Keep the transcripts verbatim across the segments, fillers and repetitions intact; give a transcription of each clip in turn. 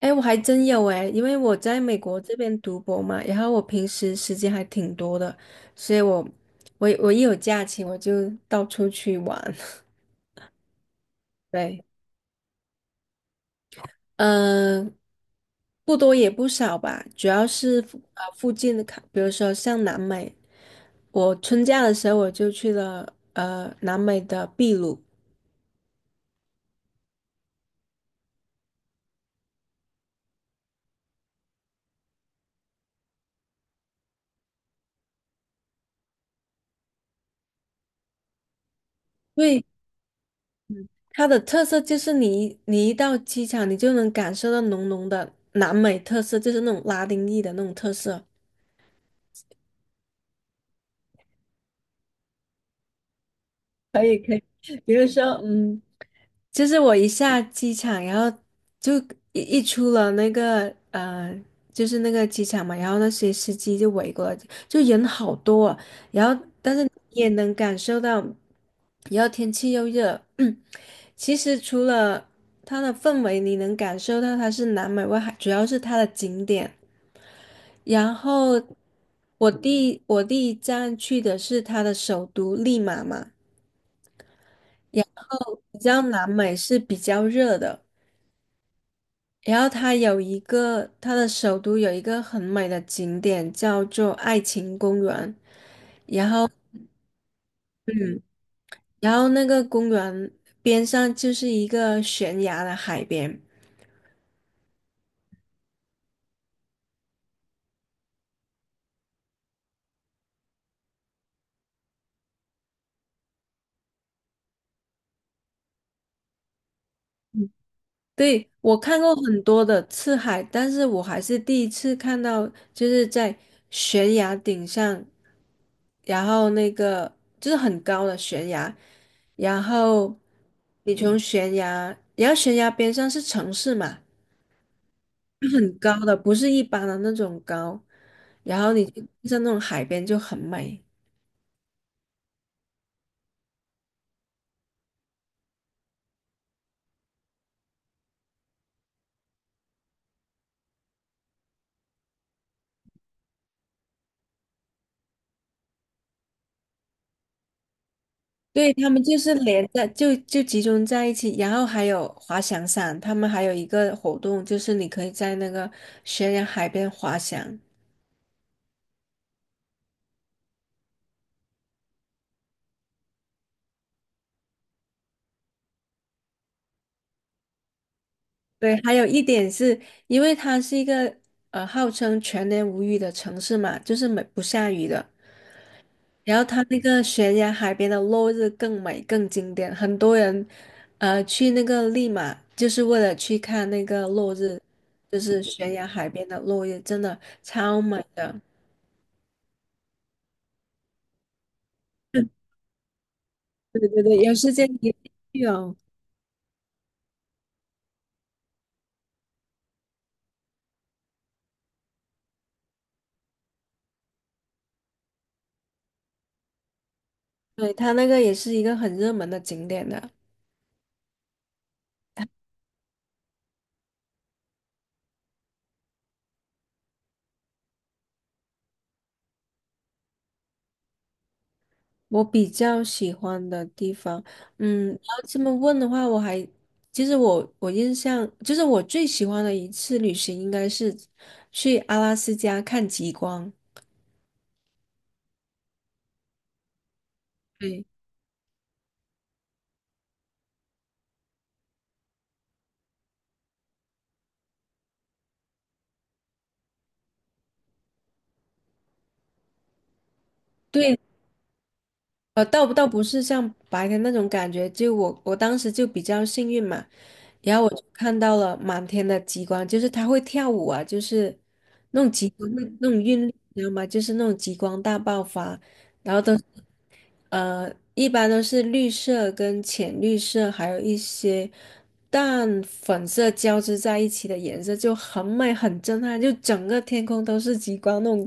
哎，我还真有哎，因为我在美国这边读博嘛，然后我平时时间还挺多的，所以我我我一有假期我就到处去玩。对，嗯、不多也不少吧，主要是附呃附近的卡，比如说像南美，我春假的时候我就去了呃南美的秘鲁。因为它的特色就是你一你一到机场，你就能感受到浓浓的南美特色，就是那种拉丁裔的那种特色。比如说，嗯，就是我一下机场，然后就一一出了那个呃，就是那个机场嘛，然后那些司机就围过来，就人好多啊，然后但是你也能感受到，然后天气又热。其实除了它的氛围，你能感受到它是南美外海，主要是它的景点。然后我第我第一站去的是它的首都利马嘛，你知道南美是比较热的。然后它有一个，它的首都有一个很美的景点叫做爱情公园，然后那个公园边上就是一个悬崖的海边。对，我看过很多的次海，但是我还是第一次看到，就是在悬崖顶上，然后那个就是很高的悬崖，然后你从嗯悬崖，然后悬崖边上是城市嘛。很高的，不是一般的那种高。然后你像那种海边就很美。对，他们就是连在就就集中在一起，然后还有滑翔伞，他们还有一个活动就是你可以在那个悬崖海边滑翔。对，还有一点是因为它是一个呃号称全年无雨的城市嘛，就是没不下雨的，然后它那个悬崖海边的落日更美更经典，很多人呃去那个利马就是为了去看那个落日，就是悬崖海边的落日，真的超美的。对对对，有时间一定去哦。对，它那个也是一个很热门的景点的。我比较喜欢的地方。嗯，然后这么问的话，我还其实我我印象就是我最喜欢的一次旅行应该是去阿拉斯加看极光。对。对，呃，倒不倒不是像白天那种感觉，就我我当时就比较幸运嘛，然后我就看到了满天的极光，就是它会跳舞啊，就是那种极光那那种韵律，你知道吗？就是那种极光大爆发，然后都是呃，一般都是绿色跟浅绿色，还有一些淡粉色交织在一起的颜色，就很美很震撼，就整个天空都是极光那种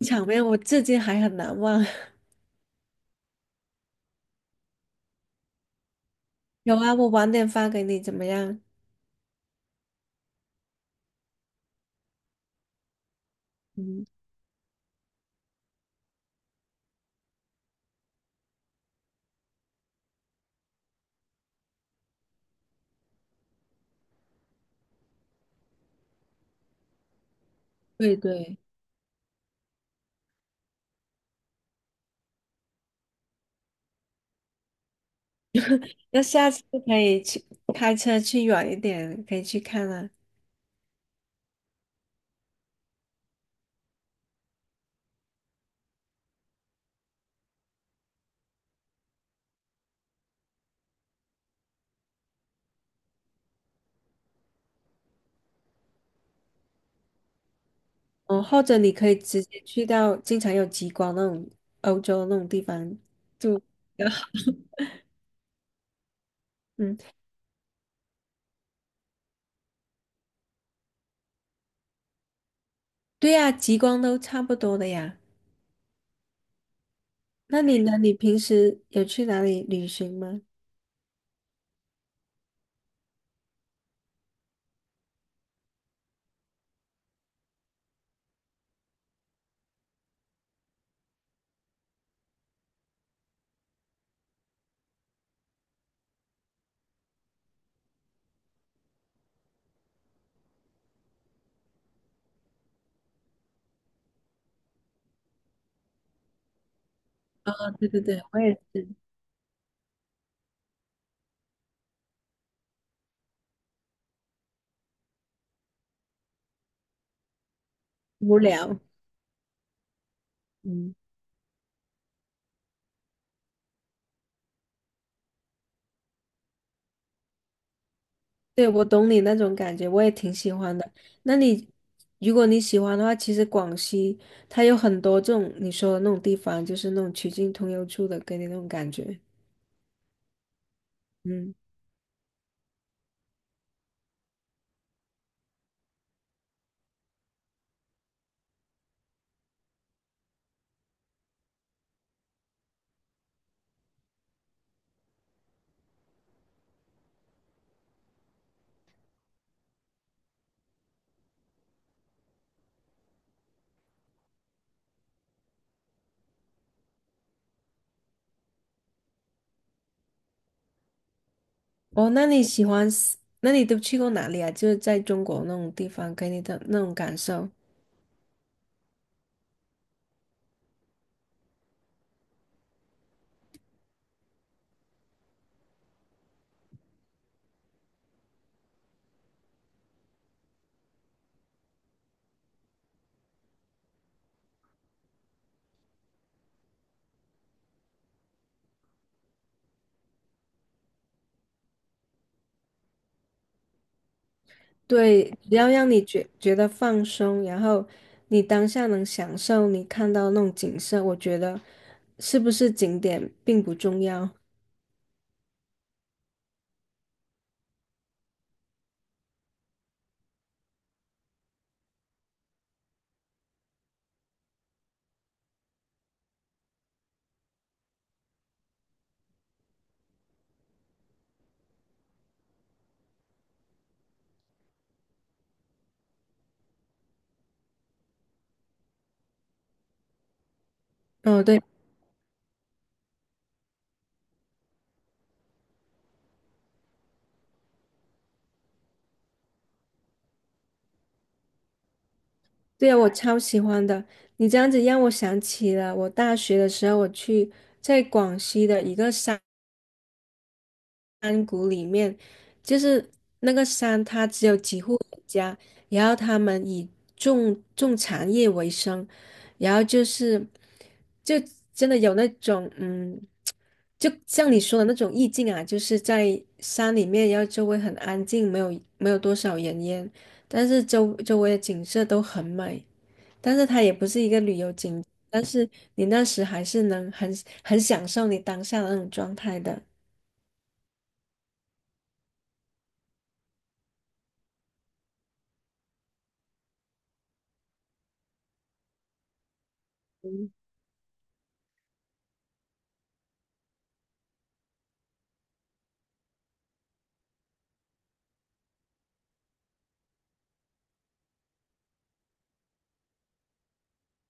场面，我至今还很难忘。有啊，我晚点发给你，怎么样？嗯，对对，那下次可以去开车去远一点，可以去看啊。哦，或者你可以直接去到经常有极光那种欧洲那种地方就比较好。嗯，对呀，极光都差不多的呀。那你呢？你平时有去哪里旅行吗？哦对对对，我也是。无聊。嗯。对，我懂你那种感觉，我也挺喜欢的。那你，如果你喜欢的话，其实广西它有很多这种你说的那种地方，就是那种曲径通幽处的，给你那种感觉。嗯，哦，那你喜欢四那你都去过哪里啊？就是在中国那种地方，给你的那种感受。对，只要让你觉觉得放松，然后你当下能享受你看到那种景色，我觉得是不是景点并不重要。嗯，对。对呀，我超喜欢的。你这样子让我想起了我大学的时候，我去在广西的一个山谷里面，就是那个山它只有几户人家，然后他们以种种茶叶为生，然后就是就真的有那种嗯，就像你说的那种意境啊，就是在山里面，然后周围很安静，没有没有多少人烟，但是周周围的景色都很美。但是它也不是一个旅游景。但是你那时还是能很很享受你当下的那种状态的。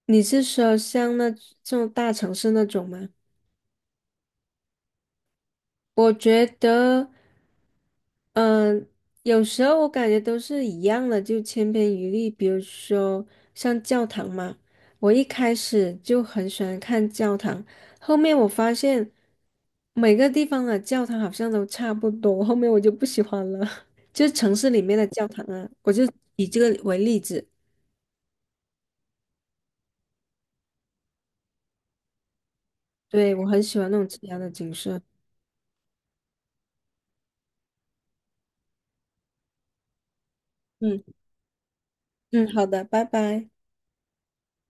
你是说像那这种大城市那种吗？我觉得，嗯、有时候我感觉都是一样的，就千篇一律。比如说像教堂嘛，我一开始就很喜欢看教堂，后面我发现每个地方的教堂好像都差不多，后面我就不喜欢了。就是城市里面的教堂啊，我就以这个为例子。对，我很喜欢那种自然的景色。嗯嗯，好的，拜拜。